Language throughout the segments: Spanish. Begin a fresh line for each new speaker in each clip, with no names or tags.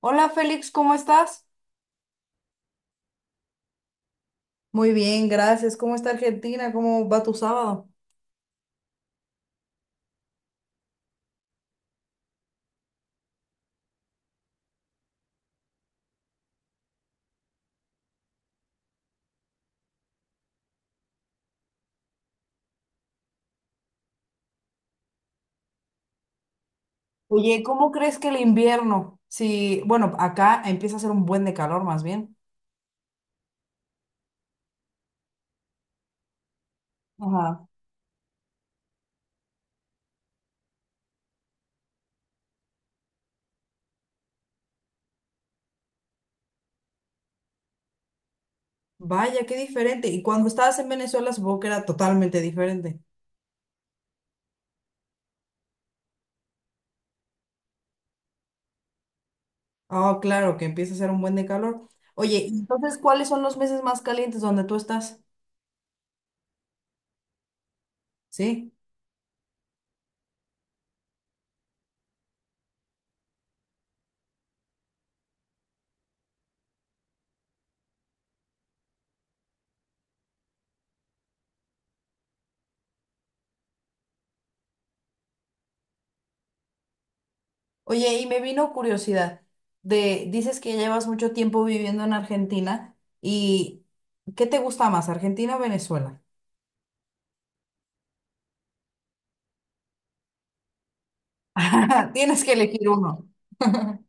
Hola Félix, ¿cómo estás? Muy bien, gracias. ¿Cómo está Argentina? ¿Cómo va tu sábado? Oye, ¿cómo crees que el invierno? Si, bueno, acá empieza a hacer un buen de calor más bien. Ajá. Vaya, qué diferente. Y cuando estabas en Venezuela, supongo que era totalmente diferente. Ah, claro, que empieza a hacer un buen de calor. Oye, entonces, ¿cuáles son los meses más calientes donde tú estás? sí. Oye, y me vino curiosidad dices que llevas mucho tiempo viviendo en Argentina y ¿qué te gusta más, Argentina o Venezuela? Tienes que elegir uno.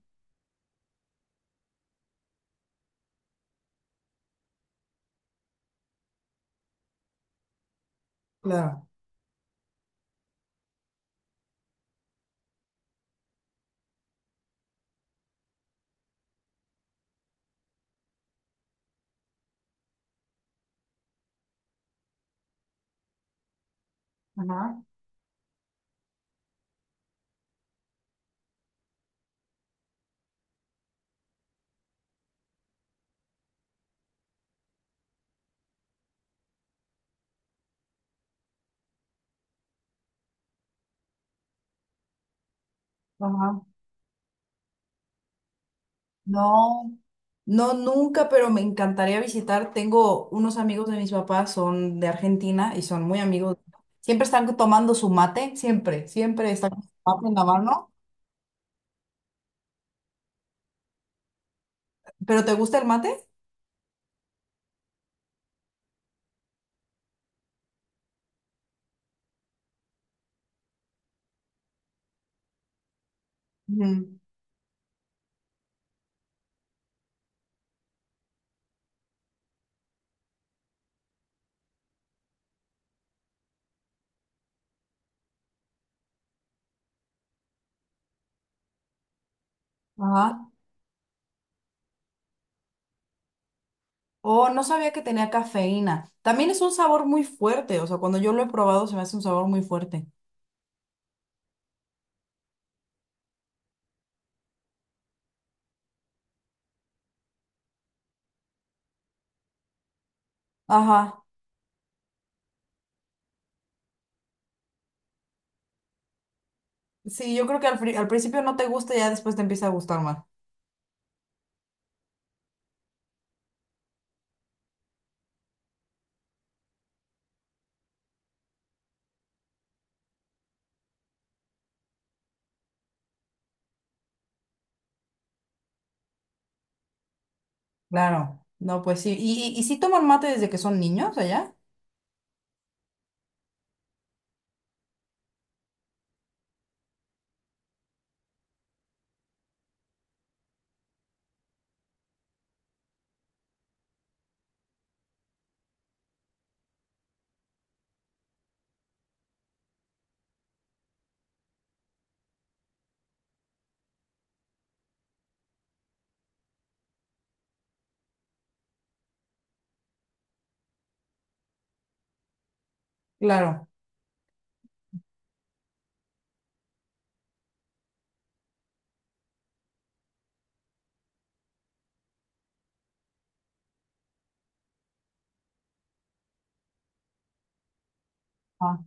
Claro. Ajá, ajá. No, no nunca, pero me encantaría visitar. Tengo unos amigos de mis papás, son de Argentina y son muy amigos. Siempre están tomando su mate, siempre, siempre están con su mate en la mano. ¿Pero te gusta el mate? Ujú. Ajá. Oh, no sabía que tenía cafeína. También es un sabor muy fuerte, o sea, cuando yo lo he probado se me hace un sabor muy fuerte. Ajá. Sí, yo creo que al principio no te gusta y ya después te empieza a gustar más. Claro, no, pues sí. ¿Y sí toman mate desde que son niños allá? Claro. Ah,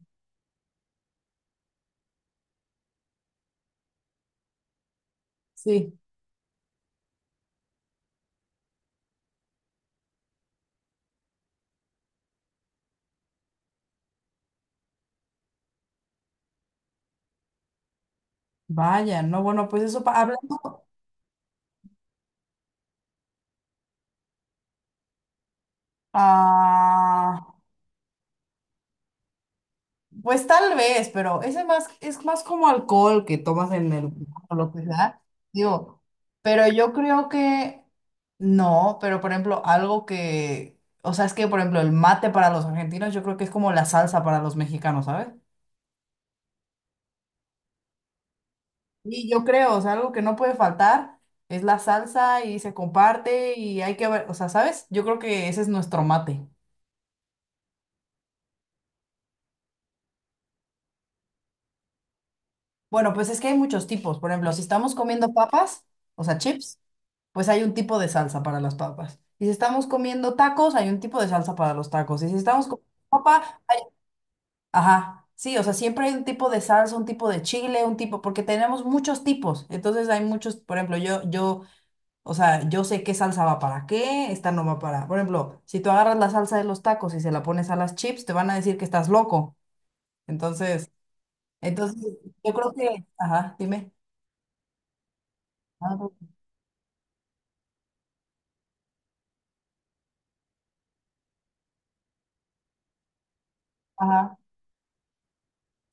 sí. Vaya, no, bueno, pues eso, hablando. Ah, pues tal vez, pero es más como alcohol que tomas en el, o lo que sea, digo, pero yo creo que no, pero por ejemplo, algo que, o sea, es que por ejemplo, el mate para los argentinos, yo creo que es como la salsa para los mexicanos, ¿sabes? Y yo creo, o sea, algo que no puede faltar es la salsa y se comparte y hay que ver, o sea, ¿sabes? Yo creo que ese es nuestro mate. Bueno, pues es que hay muchos tipos. Por ejemplo, si estamos comiendo papas, o sea, chips, pues hay un tipo de salsa para las papas. Y si estamos comiendo tacos, hay un tipo de salsa para los tacos. Y si estamos comiendo papa, hay... Ajá, sí, o sea, siempre hay un tipo de salsa, un tipo de chile, un tipo, porque tenemos muchos tipos. Entonces hay muchos, por ejemplo, yo. O sea, yo sé qué salsa va para qué, esta no va para. Por ejemplo, si tú agarras la salsa de los tacos y se la pones a las chips, te van a decir que estás loco. Entonces, entonces, yo creo que, ajá, dime. Ah. Ajá,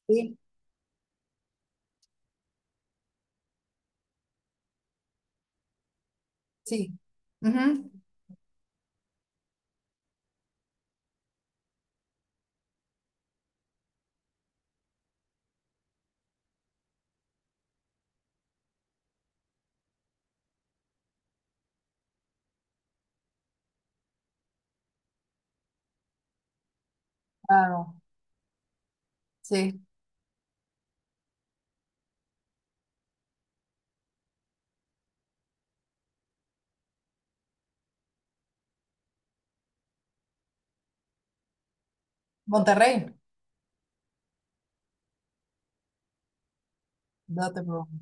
sí, sí. Ujú, claro, sí. Monterrey, no te preocupes.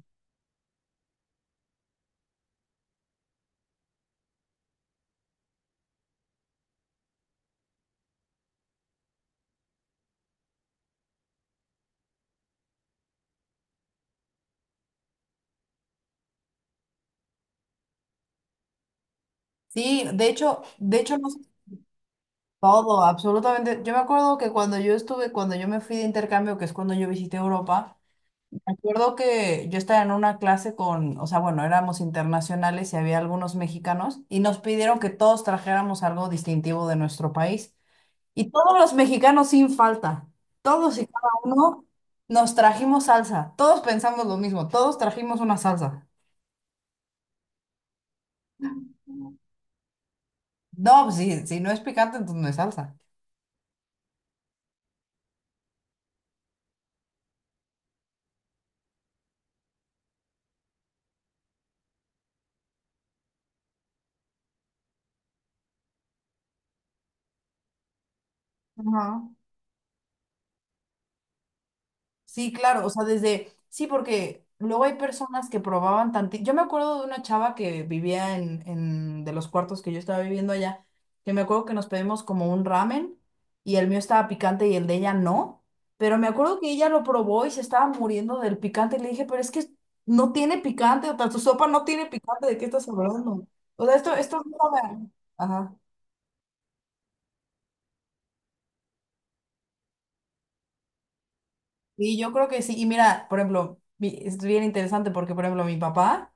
Sí, de hecho no sé todo, absolutamente. Yo me acuerdo que cuando yo estuve, cuando yo me fui de intercambio, que es cuando yo visité Europa. Me acuerdo que yo estaba en una clase con, o sea, bueno, éramos internacionales y había algunos mexicanos y nos pidieron que todos trajéramos algo distintivo de nuestro país. Y todos los mexicanos sin falta, todos y cada uno nos trajimos salsa. Todos pensamos lo mismo, todos trajimos una salsa. No, pues, si, si no es picante, entonces no es salsa. Ajá. Sí, claro, o sea, desde, sí, porque luego hay personas que probaban tantito. Yo me acuerdo de una chava que vivía en de los cuartos que yo estaba viviendo allá, que me acuerdo que nos pedimos como un ramen y el mío estaba picante y el de ella no, pero me acuerdo que ella lo probó y se estaba muriendo del picante y le dije, pero es que no tiene picante, o sea, tu sopa no tiene picante, ¿de qué estás hablando? O sea, esto no sabe— Ajá. Y yo creo que sí, y mira, por ejemplo, es bien interesante porque, por ejemplo, mi papá...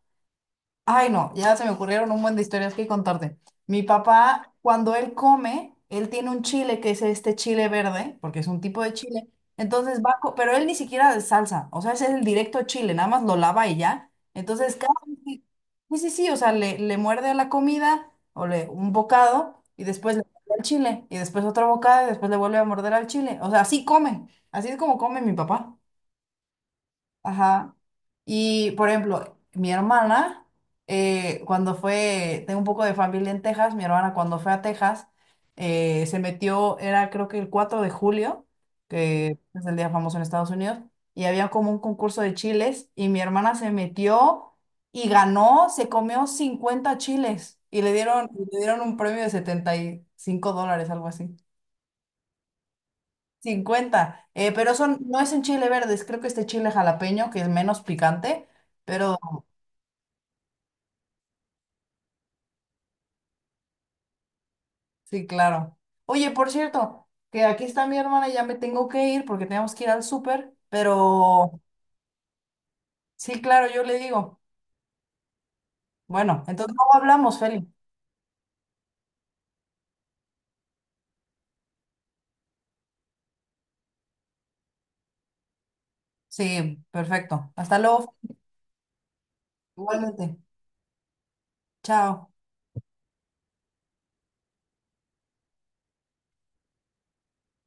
Ay, no, ya se me ocurrieron un buen de historias que contarte. Mi papá, cuando él come, él tiene un chile que es este chile verde, porque es un tipo de chile. Entonces va, pero él ni siquiera de salsa, o sea, ese es el directo chile, nada más lo lava y ya. Entonces, sí, sí, sí, o sea, le muerde a la comida o le un bocado y después le muerde al chile y después otro bocado y después le vuelve a morder al chile. O sea, así come, así es como come mi papá. Ajá. Y por ejemplo, mi hermana, cuando fue, tengo un poco de familia en Texas, mi hermana cuando fue a Texas, se metió, era creo que el 4 de julio, que es el día famoso en Estados Unidos, y había como un concurso de chiles, y mi hermana se metió y ganó, se comió 50 chiles, y le dieron un premio de $75, algo así 50 pero son, no es en chile verdes, creo que este chile jalapeño, que es menos picante, pero sí, claro. Oye, por cierto, que aquí está mi hermana, ya me tengo que ir porque tenemos que ir al súper, pero sí, claro, yo le digo. Bueno, entonces luego hablamos, Feli. Sí, perfecto. Hasta luego. Igualmente. Chao.